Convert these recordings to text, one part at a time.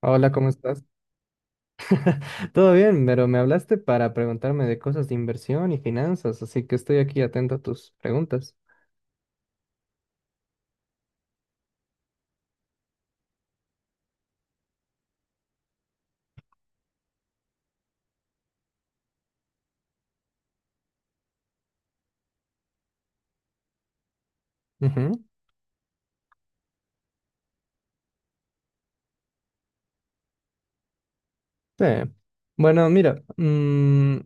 Hola, ¿cómo estás? Todo bien, pero me hablaste para preguntarme de cosas de inversión y finanzas, así que estoy aquí atento a tus preguntas. Ujú. Sí. Bueno, mira,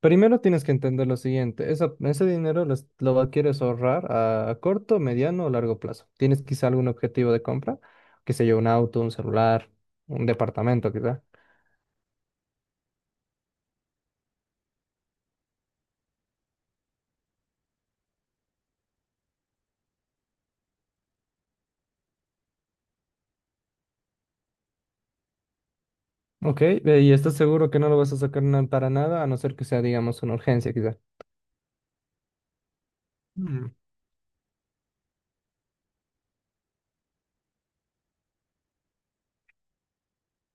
primero tienes que entender lo siguiente, ese dinero lo quieres ahorrar a corto, mediano o largo plazo. ¿Tienes quizá algún objetivo de compra? Qué sé yo, un auto, un celular, un departamento quizá. Ok, ¿y estás seguro que no lo vas a sacar para nada, a no ser que sea, digamos, una urgencia quizá? Mm.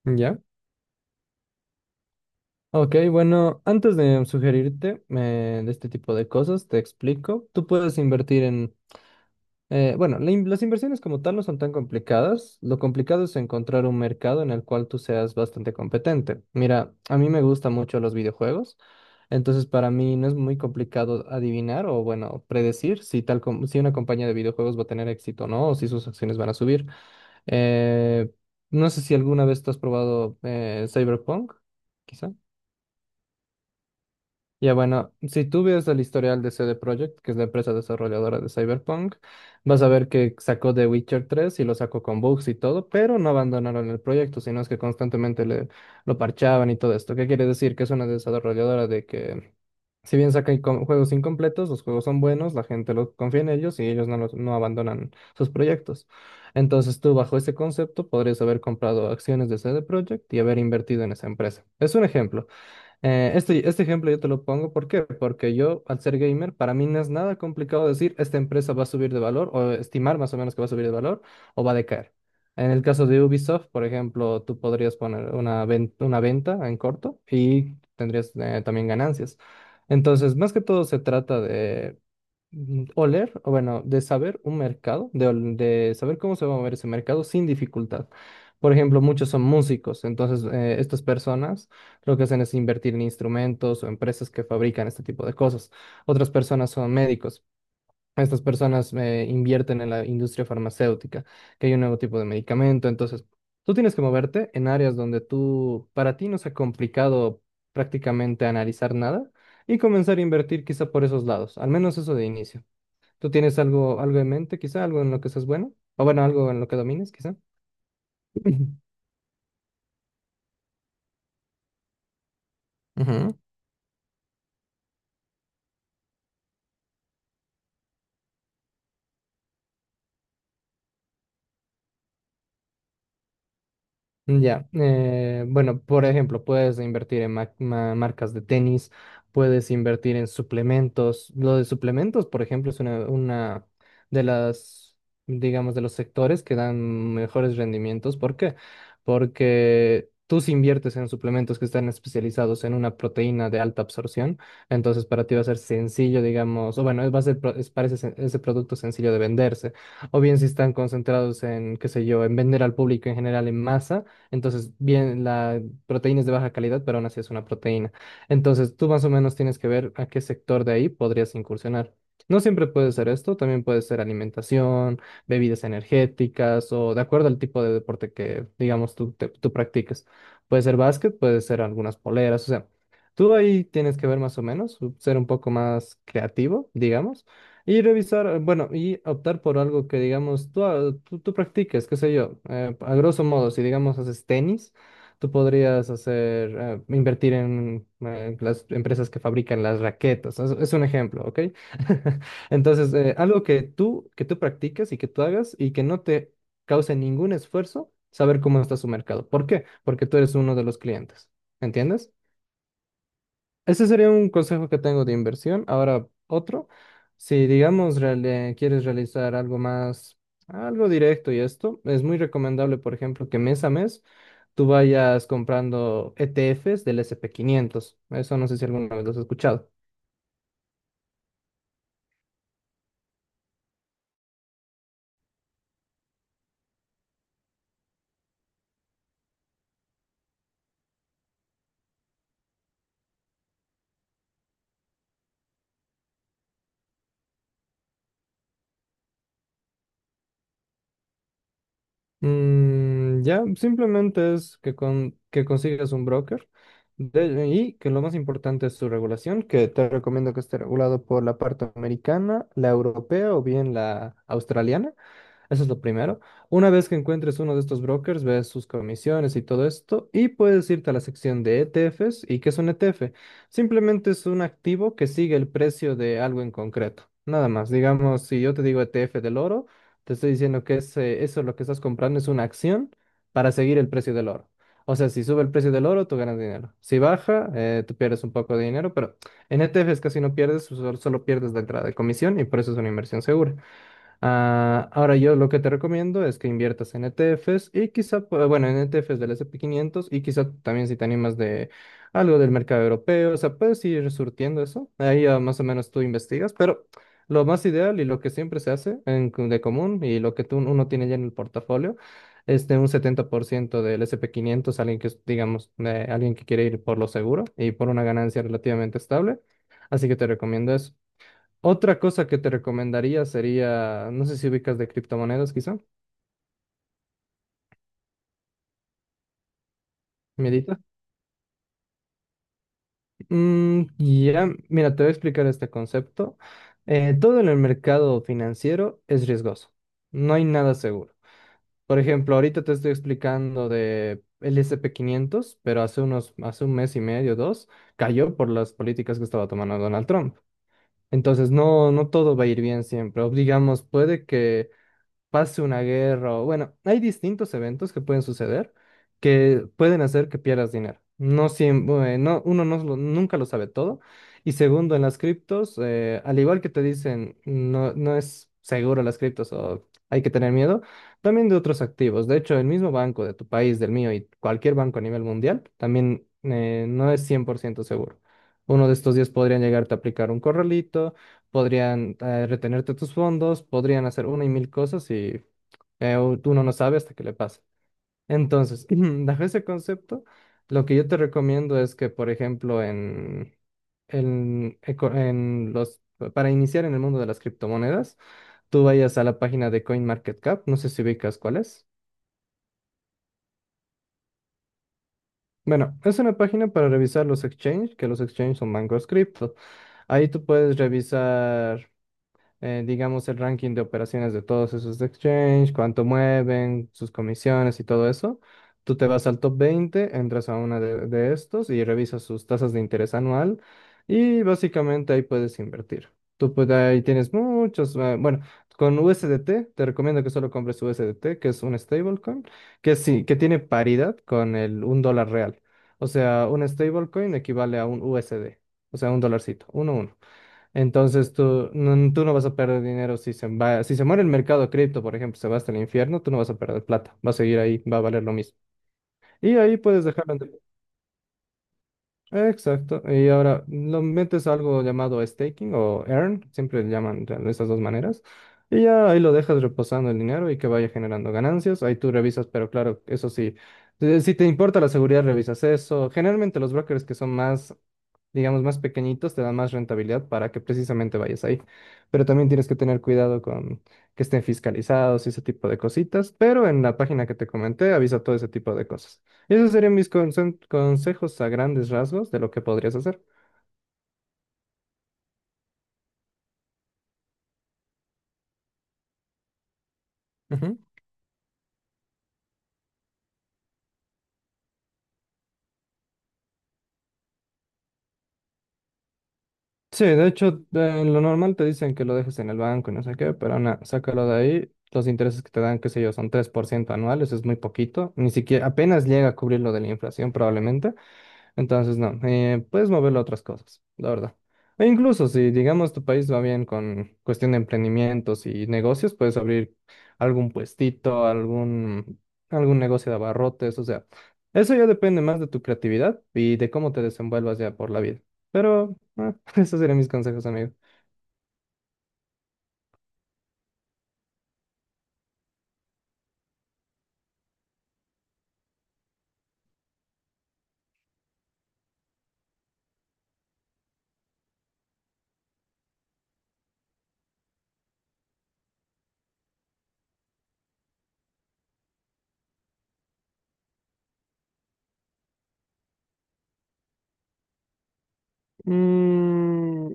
¿Ya? Ok, bueno, antes de sugerirte de este tipo de cosas, te explico. Tú puedes invertir en, bueno, las inversiones como tal no son tan complicadas. Lo complicado es encontrar un mercado en el cual tú seas bastante competente. Mira, a mí me gustan mucho los videojuegos, entonces para mí no es muy complicado adivinar o, bueno, predecir si si una compañía de videojuegos va a tener éxito o no, o si sus acciones van a subir. Eh, no sé si alguna vez tú has probado Cyberpunk, quizá. Ya bueno, si tú ves el historial de CD Projekt, que es la empresa desarrolladora de Cyberpunk, vas a ver que sacó The Witcher 3 y lo sacó con bugs y todo, pero no abandonaron el proyecto, sino es que lo parchaban y todo esto. ¿Qué quiere decir? Que es una desarrolladora de que, si bien juegos incompletos, los juegos son buenos, la gente lo confía en ellos y ellos no, los- no abandonan sus proyectos. Entonces tú bajo ese concepto podrías haber comprado acciones de CD Projekt y haber invertido en esa empresa. Es un ejemplo. Este ejemplo yo te lo pongo, ¿por qué? Porque yo, al ser gamer, para mí no es nada complicado decir esta empresa va a subir de valor o estimar más o menos que va a subir de valor o va a decaer. En el caso de Ubisoft, por ejemplo, tú podrías poner una venta en corto y tendrías también ganancias. Entonces, más que todo se trata o bueno, de saber un mercado, de saber cómo se va a mover ese mercado sin dificultad. Por ejemplo, muchos son músicos, entonces estas personas lo que hacen es invertir en instrumentos o empresas que fabrican este tipo de cosas. Otras personas son médicos. Estas personas invierten en la industria farmacéutica, que hay un nuevo tipo de medicamento. Entonces, tú tienes que moverte en áreas donde tú, para ti no sea complicado prácticamente analizar nada y comenzar a invertir quizá por esos lados, al menos eso de inicio. ¿Tú tienes algo en mente, quizá? ¿Algo en lo que seas bueno? O bueno, algo en lo que domines, quizá. Ujú. Ya, bueno, por ejemplo, puedes invertir en marcas de tenis, puedes invertir en suplementos. Lo de suplementos, por ejemplo, una de las, digamos, de los sectores que dan mejores rendimientos. ¿Por qué? Porque tú si inviertes en suplementos que están especializados en una proteína de alta absorción, entonces para ti va a ser sencillo, digamos, o bueno, va a ser, pro- es- parece ese producto sencillo de venderse. O bien si están concentrados en, qué sé yo, en vender al público en general en masa. Entonces, bien, la proteína es de baja calidad, pero aún así es una proteína. Entonces, tú más o menos tienes que ver a qué sector de ahí podrías incursionar. No siempre puede ser esto, también puede ser alimentación, bebidas energéticas o de acuerdo al tipo de deporte que, digamos, tú practiques. Puede ser básquet, puede ser algunas poleras, o sea, tú ahí tienes que ver más o menos, ser un poco más creativo, digamos y revisar, bueno, y optar por algo que, digamos, tú practiques, qué sé yo. A grosso modo, si, digamos, haces tenis, tú podrías hacer, invertir en las empresas que fabrican las raquetas. Es un ejemplo, ¿ok? Entonces, algo que tú practiques y que tú hagas y que no te cause ningún esfuerzo, saber cómo está su mercado. ¿Por qué? Porque tú eres uno de los clientes. ¿Entiendes? Ese sería un consejo que tengo de inversión. Ahora, otro, si digamos quieres realizar algo más, algo directo y esto, es muy recomendable, por ejemplo, que mes a mes tú vayas comprando ETFs del S&P 500. Eso no sé si alguna vez lo has escuchado. Ya, simplemente es que, que consigas un broker y que lo más importante es su regulación, que te recomiendo que esté regulado por la parte americana, la europea o bien la australiana. Eso es lo primero. Una vez que encuentres uno de estos brokers, ves sus comisiones y todo esto, y puedes irte a la sección de ETFs. ¿Y qué es un ETF? Simplemente es un activo que sigue el precio de algo en concreto. Nada más. Digamos, si yo te digo ETF del oro, te estoy diciendo que eso lo que estás comprando es una acción para seguir el precio del oro. O sea, si sube el precio del oro, tú ganas dinero. Si baja, tú pierdes un poco de dinero, pero en ETFs casi no pierdes, solo pierdes la entrada de comisión y por eso es una inversión segura. Ah, ahora yo lo que te recomiendo es que inviertas en ETFs y quizá, bueno, en ETFs del S and p 500 y quizá también si te animas de algo del mercado europeo, o sea, puedes ir surtiendo eso, ahí ya más o menos tú investigas, pero lo más ideal y lo que siempre se hace de común y lo que uno tiene ya en el portafolio es de un 70% del S and p quinientos, alguien que es, digamos, de alguien que quiere ir por lo seguro y por una ganancia relativamente estable, así que te recomiendo eso. Otra cosa que te recomendaría sería, no sé si ubicas de criptomonedas, quizá, medita. Ya, mira, te voy a explicar este concepto. Todo en el mercado financiero es riesgoso. No hay nada seguro. Por ejemplo, ahorita te estoy explicando de el S&P 500, pero hace un mes y medio, dos, cayó por las políticas que estaba tomando Donald Trump. Entonces, no, no todo va a ir bien siempre. O digamos, puede que pase una guerra o bueno, hay distintos eventos que pueden suceder que pueden hacer que pierdas dinero. No siempre, no, uno no, lo- nunca lo sabe todo. Y segundo, en las criptos, al igual que te dicen, no, no es seguro las criptos o hay que tener miedo, también de otros activos. De hecho, el mismo banco de tu país, del mío y cualquier banco a nivel mundial, también no es 100% seguro. Uno de estos días podrían llegarte a aplicar un corralito, podrían retenerte tus fondos, podrían hacer una y mil cosas y uno no sabe hasta que le pasa. Entonces, bajo ese concepto, lo que yo te recomiendo es que, por ejemplo, en, eco- en los, para iniciar en el mundo de las criptomonedas, tú vayas a la página de CoinMarketCap, no sé si ubicas cuál es. Bueno, es una página para revisar los exchanges, que los exchanges son bancos cripto. Ahí tú puedes revisar digamos, el ranking de operaciones de todos esos exchange, cuánto mueven, sus comisiones y todo eso. Tú te vas al top 20, entras a de estos y revisas sus tasas de interés anual y básicamente ahí puedes invertir. Tú pues ahí tienes muchos, bueno, con USDT, te recomiendo que solo compres USDT, que es un stablecoin, que sí, que tiene paridad con el un dólar real. O sea, un stablecoin equivale a un USD, o sea, un dolarcito, uno, uno. Entonces tú no vas a perder dinero si se va, si se muere el mercado cripto, por ejemplo, se va hasta el infierno, tú no vas a perder plata, va a seguir ahí, va a valer lo mismo. Y ahí puedes dejarlo. Exacto. Y ahora, lo metes a algo llamado staking o earn, siempre le llaman de esas dos maneras. Y ya ahí lo dejas reposando el dinero y que vaya generando ganancias. Ahí tú revisas, pero claro, eso sí, si te importa la seguridad, revisas eso. Generalmente los brokers que son más, digamos, más pequeñitos te dan más rentabilidad para que precisamente vayas ahí. Pero también tienes que tener cuidado con que estén fiscalizados y ese tipo de cositas. Pero en la página que te comenté avisa todo ese tipo de cosas. Esos serían mis consejos a grandes rasgos de lo que podrías hacer. Ujú. Sí, de hecho, lo normal te dicen que lo dejes en el banco y no sé qué, pero nada, sácalo de ahí. Los intereses que te dan, qué sé yo, son 3% anuales, es muy poquito. Ni siquiera, apenas llega a cubrir lo de la inflación probablemente. Entonces, no, puedes moverlo a otras cosas, la verdad. E incluso si, digamos, tu país va bien con cuestión de emprendimientos y negocios, puedes abrir algún puestito, algún, algún negocio de abarrotes, o sea, eso ya depende más de tu creatividad y de cómo te desenvuelvas ya por la vida. Pero, ah, esos serían mis consejos, amigo. Mm,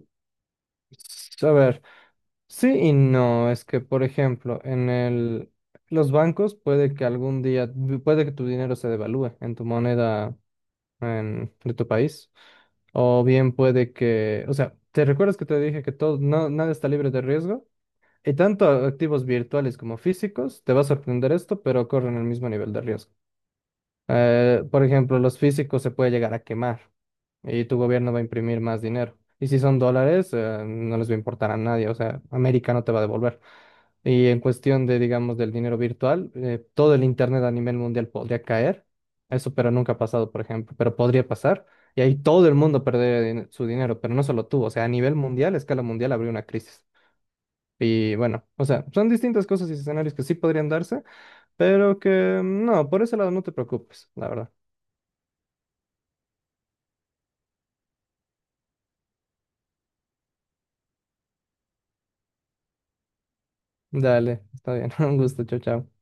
Pues, a ver, sí y no. Es que, por ejemplo, los bancos puede que algún día, puede que tu dinero se devalúe en tu moneda de tu país. O bien puede que, o sea, ¿te recuerdas que te dije que todo, no, nada está libre de riesgo? Y tanto activos virtuales como físicos, te va a sorprender esto, pero corren el mismo nivel de riesgo. Por ejemplo, los físicos se puede llegar a quemar y tu gobierno va a imprimir más dinero. Y si son dólares, no les va a importar a nadie, o sea, América no te va a devolver. Y en cuestión de, digamos, del dinero virtual, todo el Internet a nivel mundial podría caer. Eso, pero nunca ha pasado, por ejemplo, pero podría pasar. Y ahí todo el mundo perdería su dinero, pero no solo tú, o sea, a nivel mundial, a escala mundial, habría una crisis. Y bueno, o sea, son distintas cosas y escenarios que sí podrían darse, pero que no, por ese lado no te preocupes, la verdad. Dale, está bien. Un gusto, chao, chao.